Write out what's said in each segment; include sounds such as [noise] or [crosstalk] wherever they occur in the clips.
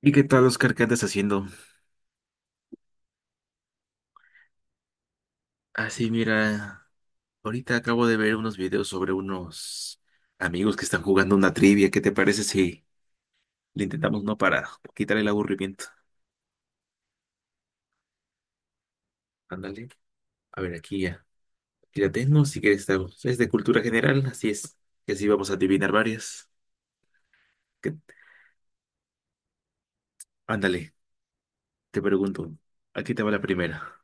¿Y qué tal, Oscar? ¿Qué andas haciendo? Ah, sí, mira, ahorita acabo de ver unos videos sobre unos amigos que están jugando una trivia. ¿Qué te parece si le intentamos no para quitar el aburrimiento? Ándale. A ver, aquí ya. Aquí la tengo, si quieres. Es de cultura general, así es. Y así vamos a adivinar varias. ¿Qué- Ándale, te pregunto. Aquí te va la primera.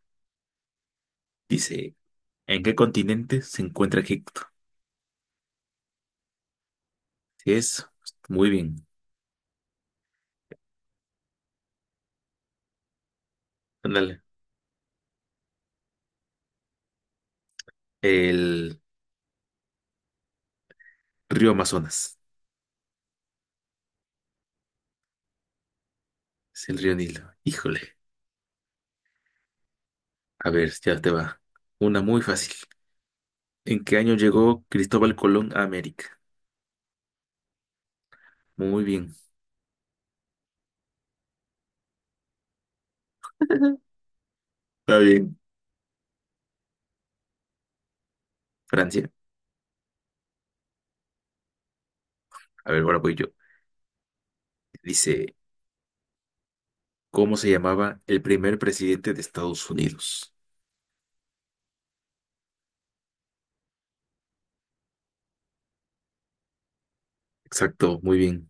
Dice, ¿en qué continente se encuentra Egipto? Si es, pues, muy bien. Ándale. El río Amazonas. Es el río Nilo. Híjole. A ver, ya te va. Una muy fácil. ¿En qué año llegó Cristóbal Colón a América? Muy bien. [laughs] Está bien. Francia. A ver, ahora voy yo. Dice, ¿cómo se llamaba el primer presidente de Estados Unidos? Exacto, muy bien.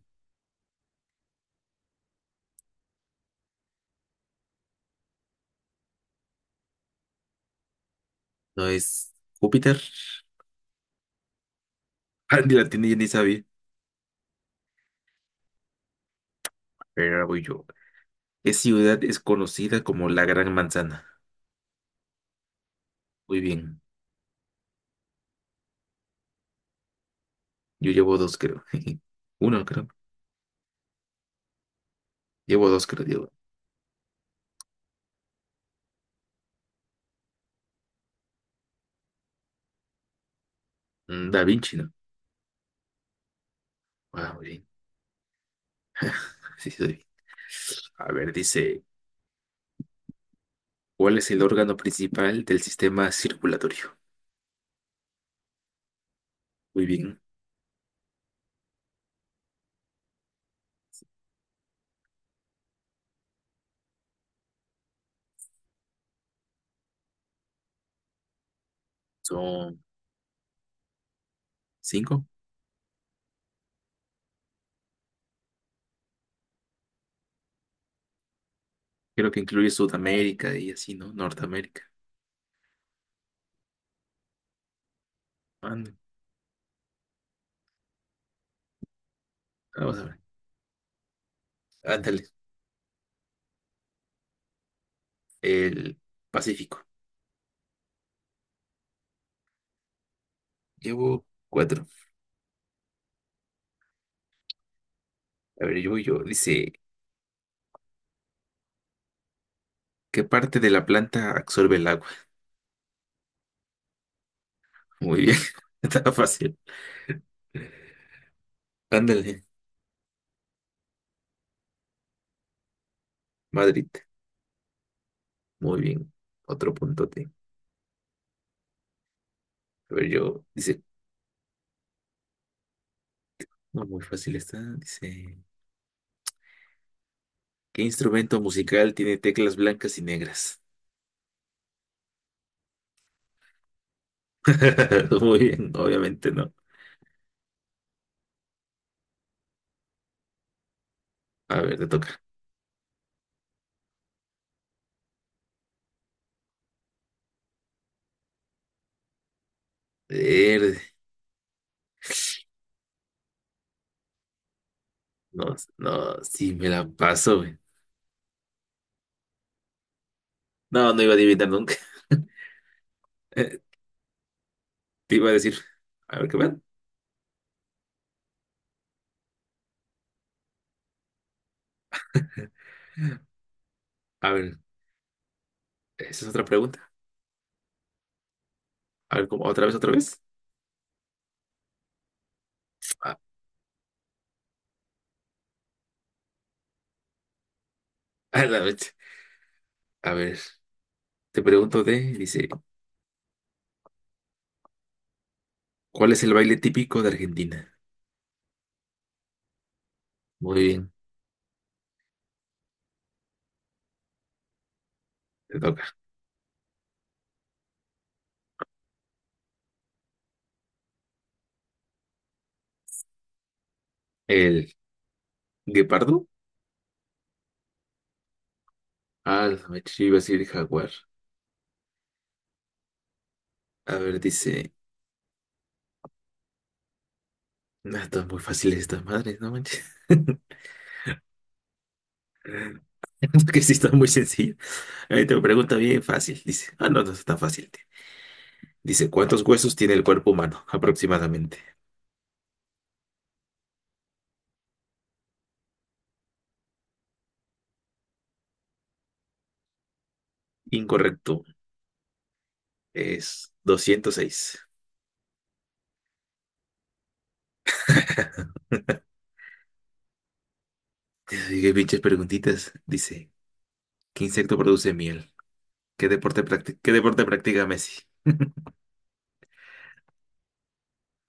¿No es Júpiter? [laughs] Ah, ni la tiene, ya ni sabía. Pero ahora voy yo. ¿Qué ciudad es conocida como la Gran Manzana? Muy bien. Yo llevo dos, creo. [laughs] Uno, creo. Llevo dos, creo. Llevo. Mm, Da Vinci, ¿no? Ah, muy bien. Sí, sí, doy. A ver, dice, ¿cuál es el órgano principal del sistema circulatorio? Muy bien, son cinco. Creo que incluye Sudamérica y así, ¿no? Norteamérica. Ande, vamos a ver. Ándale, el Pacífico. Llevo cuatro. A ver, yo. Dice, ¿qué parte de la planta absorbe el agua? Muy bien, [laughs] está fácil. Ándale, Madrid. Muy bien, otro puntote. A ver, yo. Dice, no, muy fácil está. Dice, ¿qué instrumento musical tiene teclas blancas y negras? [laughs] Muy bien, obviamente no. A ver, te toca. Verde. No, no, sí me la paso, güey. No, no iba a adivinar nunca. [laughs] Eh, Te iba a decir, a ver qué van. A ver, esa es otra pregunta. A ver, ¿cómo? ¿Otra vez, otra vez? Ah, [laughs] a la vez. A ver, dice, ¿cuál es el baile típico de Argentina? Muy bien, te toca. ¿El guepardo? Ah, la vez, yo iba a decir jaguar. A ver, dice, no, está muy fácil estas madres, no manches. [laughs] [laughs] que sí está muy sencillo. Ahí te pregunta bien fácil. Dice, ah, no, no está fácil. Tío. Dice, ¿cuántos huesos tiene el cuerpo humano aproximadamente? Incorrecto. Es 206. Ay, qué pinches preguntitas. Dice, ¿qué insecto produce miel? ¿Qué deporte practi- qué deporte practica Messi?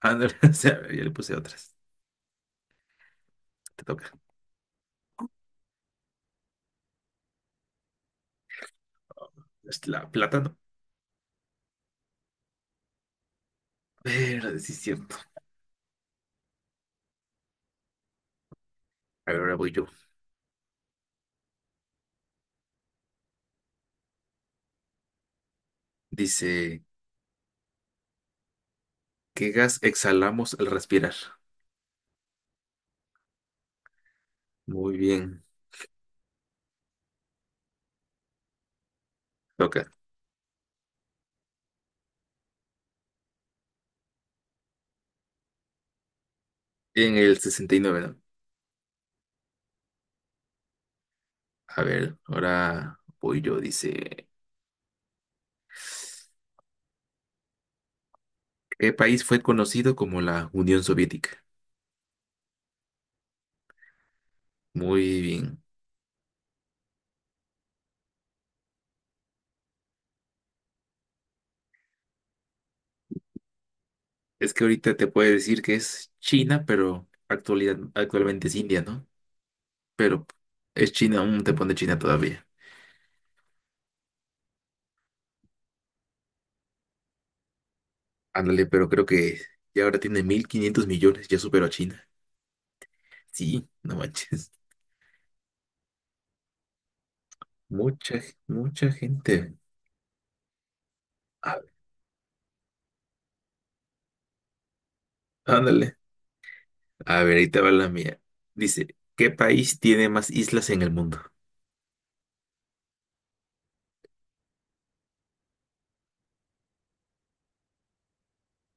Ah, no, [laughs] o sea, ya le puse otras. Te toca. Es la plátano. Pero sí es cierto. A ver, ahora voy yo. Dice, ¿qué gas exhalamos al respirar? Muy bien. Toca. En el 69, ¿no? A ver, ahora voy yo. Dice, ¿qué país fue conocido como la Unión Soviética? Muy bien. Es que ahorita te puede decir que es China, pero actualmente es India, ¿no? Pero es China, aún te pone China todavía. Ándale, pero creo que ya ahora tiene 1.500 millones, ya superó a China. Sí, no manches. Mucha, mucha gente. A ver, ándale. A ver, ahí te va la mía. Dice, ¿qué país tiene más islas en el mundo?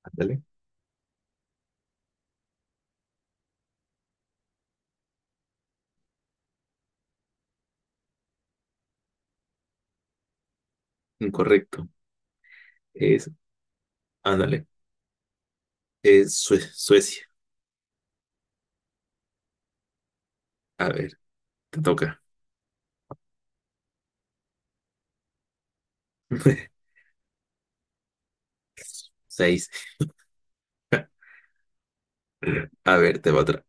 Ándale. Incorrecto. Ándale, es Sue- Suecia. A ver, te toca. [laughs] Seis. [laughs] A ver, te va otra.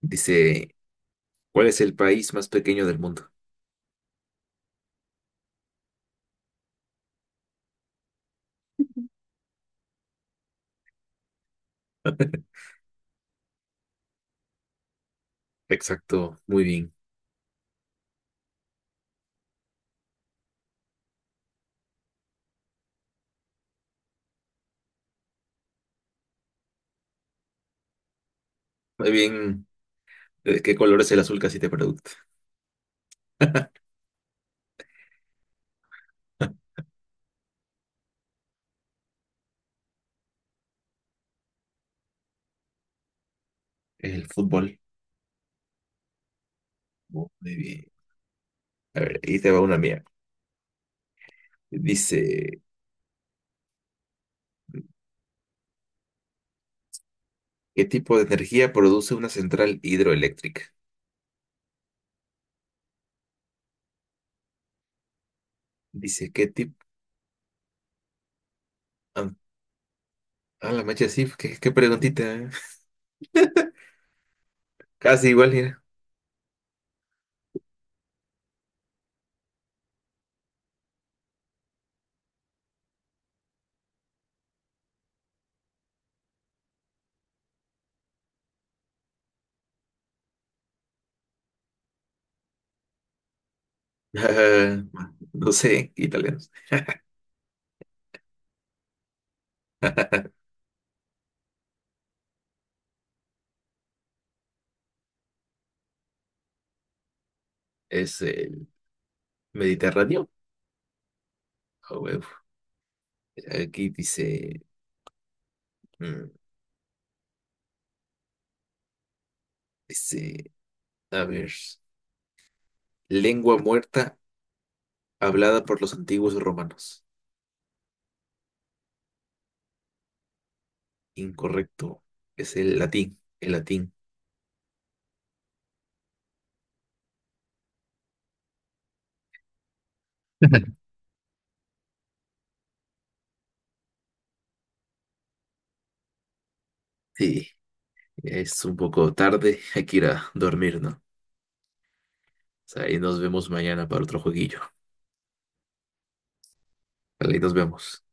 Dice, ¿cuál es el país más pequeño del mundo? [laughs] Exacto, muy bien. Muy bien. ¿De qué color es el azul casi te pregunto? [laughs] El fútbol. Muy bien. A ver, ahí te va una mía. Dice, ¿qué tipo de energía produce una central hidroeléctrica? Dice, ¿qué tipo? Ah, ah, la mecha sí, qué preguntita. ¿Eh? [laughs] Casi igual, mira. [laughs] No sé, italiano. Es el Mediterráneo. Ah, huevo. Aquí dice, mm, dice, a ver, lengua muerta hablada por los antiguos romanos. Incorrecto, es el latín, el latín. [laughs] Sí, es un poco tarde, hay que ir a dormir, ¿no? O sea, y nos vemos mañana para otro jueguillo. Vale, nos vemos.